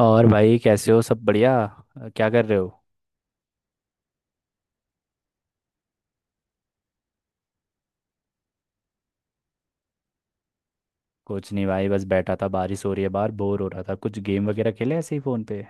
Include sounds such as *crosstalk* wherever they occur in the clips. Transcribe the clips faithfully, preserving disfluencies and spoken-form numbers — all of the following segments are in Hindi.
और भाई कैसे हो? सब बढ़िया। अ, क्या कर रहे हो? कुछ नहीं भाई, बस बैठा था, बारिश हो रही है बाहर, बोर हो रहा था, कुछ गेम वगैरह खेले ऐसे ही फ़ोन पे।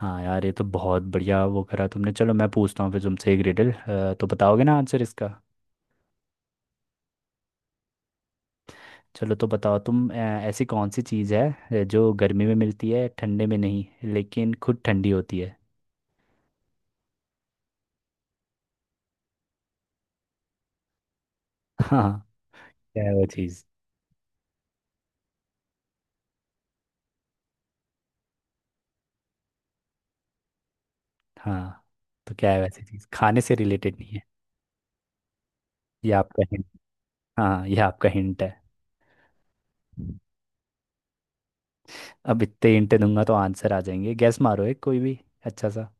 हाँ यार, ये तो बहुत बढ़िया वो करा तुमने। चलो मैं पूछता हूँ फिर तुमसे एक रिडल। तो बताओगे ना आंसर इसका? चलो तो बताओ तुम, अ, ऐसी कौन सी चीज़ है अ, जो गर्मी में मिलती है ठंडे में नहीं, लेकिन खुद ठंडी होती है। *laughs* हाँ। क्या है वो चीज़? हाँ तो क्या है वैसी चीज़? खाने से रिलेटेड नहीं है, ये आपका हिंट। हाँ ये आपका हिंट है। अब इतने हिंट दूंगा तो आंसर आ जाएंगे। गैस मारो एक कोई भी, अच्छा सा।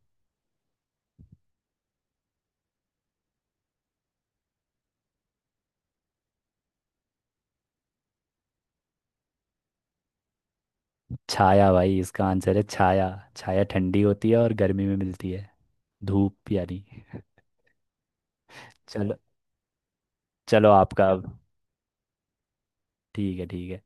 छाया भाई, इसका आंसर है छाया। छाया ठंडी होती है और गर्मी में मिलती है, धूप यानी। चलो, चलो आपका अब। ठीक है ठीक है।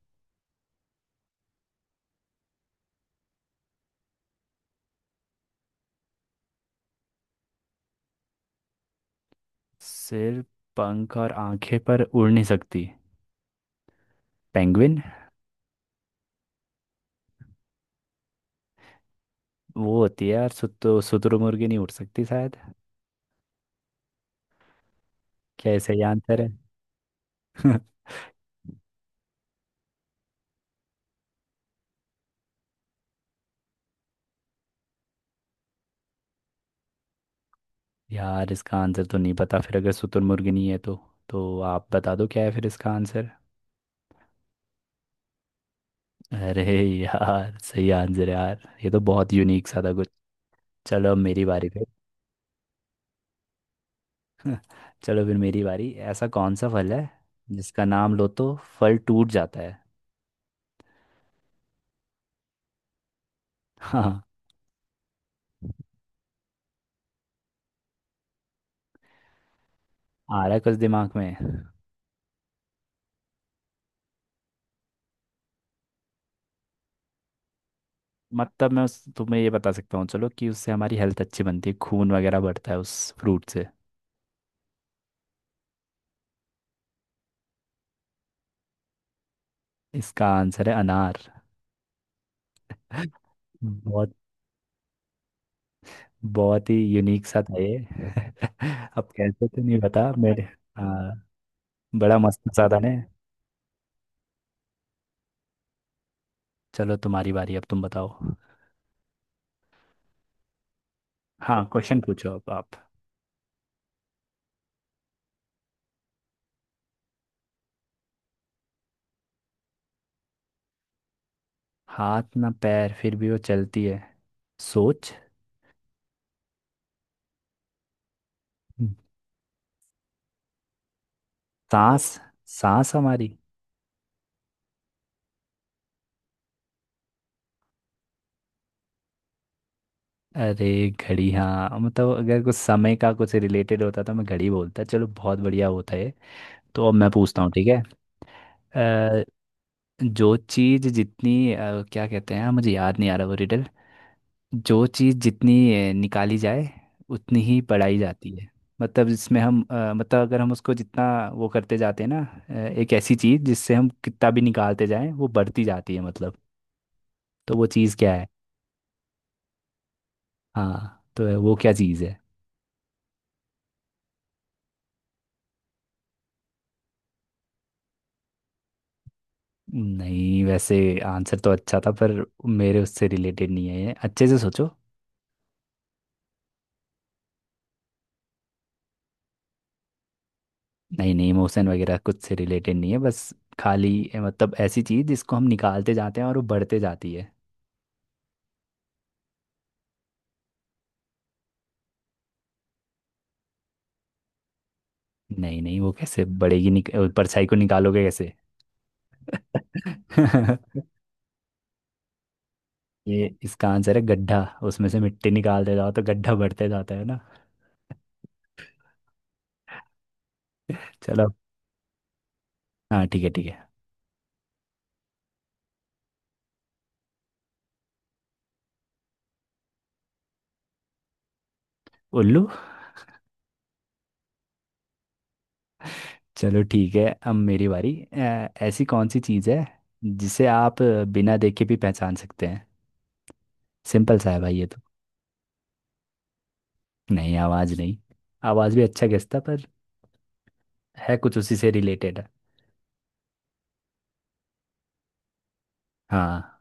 सिर, पंख और आंखें पर उड़ नहीं सकती, पेंगुइन। वो होती है यार, सुतु शुतुरमुर्गी नहीं उड़ सकती शायद। क्या ऐसा ही आंसर है? *laughs* यार इसका आंसर तो नहीं पता फिर, अगर शुतुरमुर्गी नहीं है तो। तो आप बता दो क्या है फिर इसका आंसर। अरे, यार सही आंसर है, यार ये तो बहुत यूनिक सा था कुछ। चलो अब मेरी बारी फिर। *laughs* चलो फिर मेरी बारी। ऐसा कौन सा फल है जिसका नाम लो तो फल टूट जाता है? *laughs* हाँ। आ रहा है कुछ दिमाग में? मतलब मैं उस तुम्हें ये बता सकता हूँ चलो, कि उससे हमारी हेल्थ अच्छी बनती है, खून वगैरह बढ़ता है उस फ्रूट से। इसका आंसर है अनार। बहुत, बहुत ही यूनिक सा था ये। *laughs* अब कैसे तो नहीं बता मेरे। हाँ। बड़ा मस्त साधा ने। चलो तुम्हारी बारी, अब तुम बताओ। हाँ क्वेश्चन पूछो अब आप। हाथ ना पैर, फिर भी वो चलती है। सोच। हम्म। सांस, सांस हमारी। अरे, घड़ी हाँ, मतलब अगर कुछ समय का कुछ रिलेटेड होता तो मैं घड़ी बोलता। चलो बहुत बढ़िया होता है। तो अब मैं पूछता हूँ, ठीक है। अ, जो चीज़ जितनी, अ, क्या कहते हैं मुझे याद नहीं आ रहा वो रिडल। जो चीज़ जितनी अ, निकाली जाए उतनी ही पढ़ाई जाती है। मतलब जिसमें हम, अ, मतलब अगर हम उसको जितना वो करते जाते हैं ना, अ, एक ऐसी चीज़ जिससे हम कितना भी निकालते जाएं वो बढ़ती जाती है, मतलब। तो वो चीज़ क्या है? हाँ तो वो क्या चीज़ है? नहीं, वैसे आंसर तो अच्छा था पर मेरे उससे रिलेटेड नहीं है ये। अच्छे से सोचो। नहीं नहीं, इमोशन वगैरह कुछ से रिलेटेड नहीं है, बस खाली, अ, मतलब ऐसी चीज़ जिसको हम निकालते जाते हैं और वो बढ़ते जाती है। नहीं नहीं, वो कैसे बढ़ेगी? निक... अ, परछाई को निकालोगे कैसे? *laughs* ये इसका आंसर है गड्ढा। उसमें से मिट्टी निकालते जाओ तो गड्ढा बढ़ते जाता है ना। चलो। हाँ ठीक है ठीक है। उल्लू। चलो ठीक है अब मेरी बारी। अ, ऐसी कौन सी चीज़ है जिसे आप अ, बिना देखे भी पहचान सकते हैं? सिंपल सा है भाई ये तो। नहीं आवाज़ नहीं, आवाज़ भी अच्छा गेस था पर है कुछ उसी से रिलेटेड है। हाँ।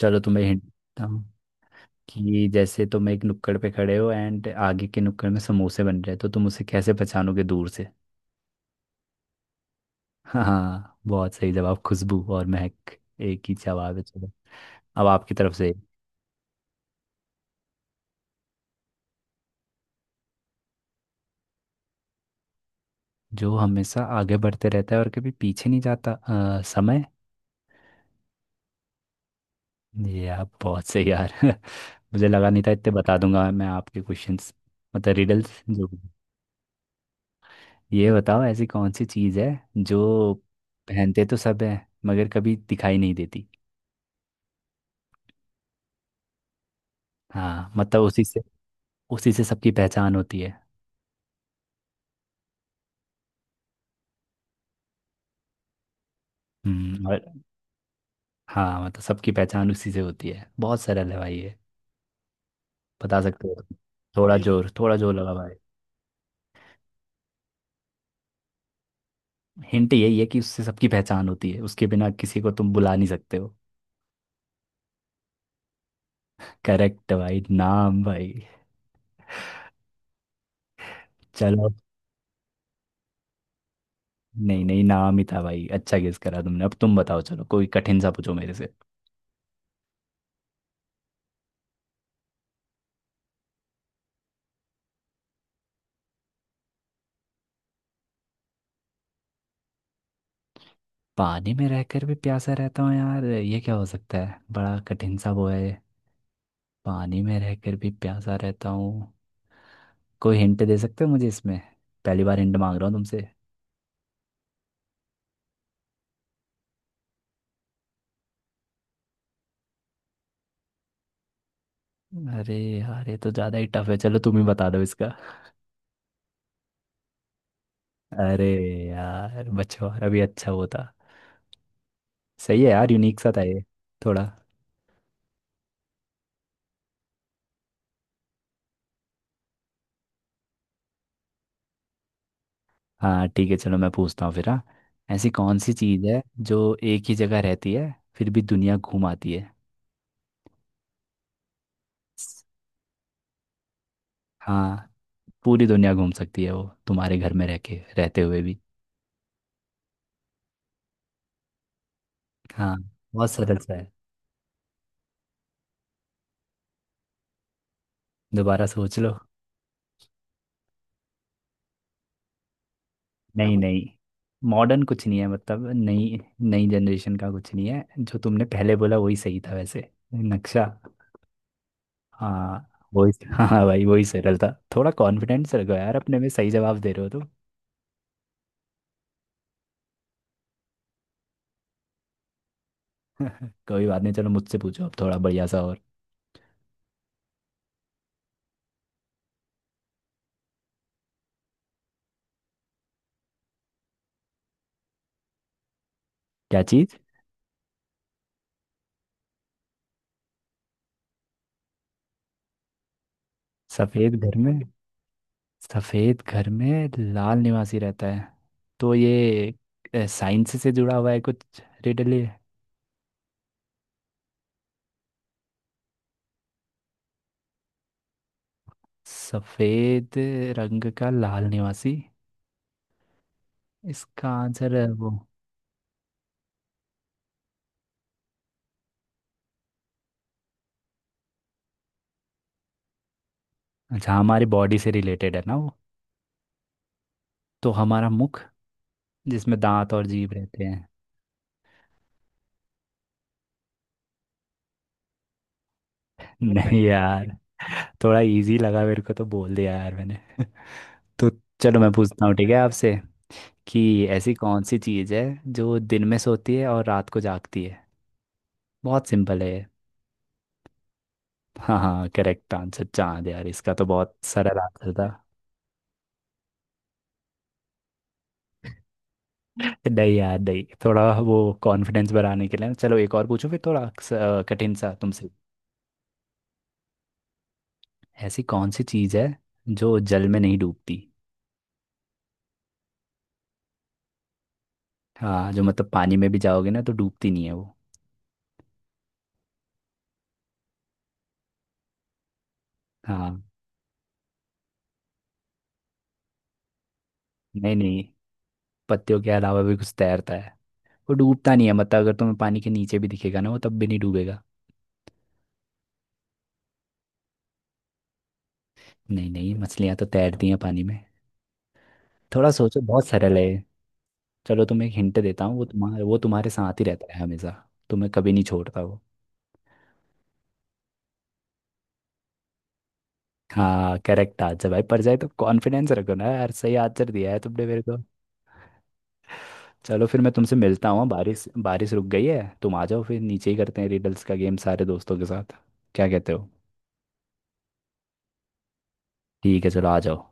चलो तुम्हें हिंट देता हूँ। कि जैसे तुम एक नुक्कड़ पे खड़े हो एंड आगे के नुक्कड़ में समोसे बन रहे हैं, तो तुम उसे कैसे पहचानोगे दूर से? *laughs* हाँ बहुत सही जवाब, खुशबू और महक एक ही जवाब है। चलो अब आपकी तरफ से। जो हमेशा आगे बढ़ते रहता है और कभी पीछे नहीं जाता, अ, समय। ये आप बहुत सही यार। *laughs* मुझे लगा नहीं था इतने बता दूंगा मैं आपके क्वेश्चंस, मतलब रिडल्स जो भी। ये बताओ ऐसी कौन सी चीज़ है जो पहनते तो सब है मगर कभी दिखाई नहीं देती। हाँ मतलब उसी से, उसी से सबकी पहचान होती है। हम्म और। हाँ मतलब सबकी पहचान उसी से होती है। बहुत सरल है भाई ये। बता सकते हो तुम। थोड़ा जोर, थोड़ा जोर लगा भाई। हिंट यही है कि उससे सबकी पहचान होती है, उसके बिना किसी को तुम बुला नहीं सकते हो। करेक्ट भाई, नाम भाई। चलो। नहीं नहीं, नाम ही था भाई, अच्छा गेस करा तुमने। अब तुम बताओ चलो, कोई कठिन सा पूछो मेरे से। पानी में रहकर भी प्यासा रहता हूँ, यार ये क्या हो सकता है? बड़ा कठिन सा वो है। पानी में रहकर भी प्यासा रहता हूँ। कोई हिंट दे सकते हो मुझे इसमें? पहली बार हिंट मांग रहा हूँ तुमसे। अरे यार, ये तो ज़्यादा ही टफ है। चलो तुम ही बता दो इसका। अरे, यार मछुआरा भी अच्छा वो था। सही है यार, यूनिक सा था ये थोड़ा। हाँ ठीक है, चलो मैं पूछता हूँ फिर हाँ। ऐसी कौन सी चीज़ है जो एक ही जगह रहती है फिर भी दुनिया घूम आती है? हाँ, पूरी दुनिया घूम सकती है वो, तुम्हारे घर में रह के, रहते हुए भी। हाँ। बहुत सरल सा है। दोबारा सोच लो। नहीं नहीं, मॉडर्न कुछ नहीं है, मतलब नई नई जनरेशन का कुछ नहीं है। जो तुमने पहले बोला वही सही था वैसे, नक्शा। हाँ वही, हाँ हाँ भाई वही सरल था। थोड़ा कॉन्फिडेंस रखो यार अपने में, सही जवाब दे रहे हो तुम। *laughs* कोई बात नहीं, चलो मुझसे पूछो अब थोड़ा बढ़िया सा और। क्या चीज़? सफ़ेद घर में, सफ़ेद घर में लाल निवासी रहता है। तो ये साइंस से जुड़ा हुआ है कुछ, रिडल ये? सफ़ेद रंग का लाल निवासी, इसका आंसर है वो। अच्छा हमारी बॉडी से रिलेटेड है ना वो? तो हमारा मुख, जिसमें दांत और जीभ रहते हैं। मुख है नहीं यार, थोड़ा इजी लगा मेरे को तो बोल दिया यार मैंने। *laughs* तो चलो मैं पूछता हूँ, ठीक है आपसे, कि ऐसी कौन सी चीज़ है जो दिन में सोती है और रात को जागती है? बहुत सिंपल है ये। हाँ हाँ करेक्ट आंसर चांद यार, इसका तो बहुत सरल आंसर था। *laughs* नहीं यार नहीं, थोड़ा वो कॉन्फिडेंस बढ़ाने के लिए ना। चलो एक और पूछो फिर थोड़ा स- कठिन सा तुमसे। ऐसी कौन सी चीज़ है जो जल में नहीं डूबती? हाँ जो मतलब पानी में भी जाओगे ना तो डूबती नहीं है वो। हाँ। नहीं नहीं, पत्तियों के अलावा भी कुछ तैरता है। वो डूबता नहीं है, मतलब अगर तुम्हें पानी के नीचे भी दिखेगा ना वो, तब भी नहीं डूबेगा। नहीं नहीं, मछलियाँ तो तैरती हैं पानी में। थोड़ा सोचो, बहुत सरल है। चलो तुम्हें एक हिंट देता हूँ, वो तुम्हारे वो तुम्हारे साथ ही रहता है हमेशा। तुम्हें कभी नहीं छोड़ता वो। हाँ करेक्ट आंसर भाई, पर जाए तो कॉन्फिडेंस रखो ना यार, सही आंसर दिया है तुमने मेरे को। चलो फिर मैं तुमसे मिलता हूँ। बारिश बारिश रुक गई है, तुम आ जाओ, फिर नीचे ही करते हैं रिडल्स का गेम सारे दोस्तों के साथ। क्या कहते हो? ठीक है चलो आ जाओ।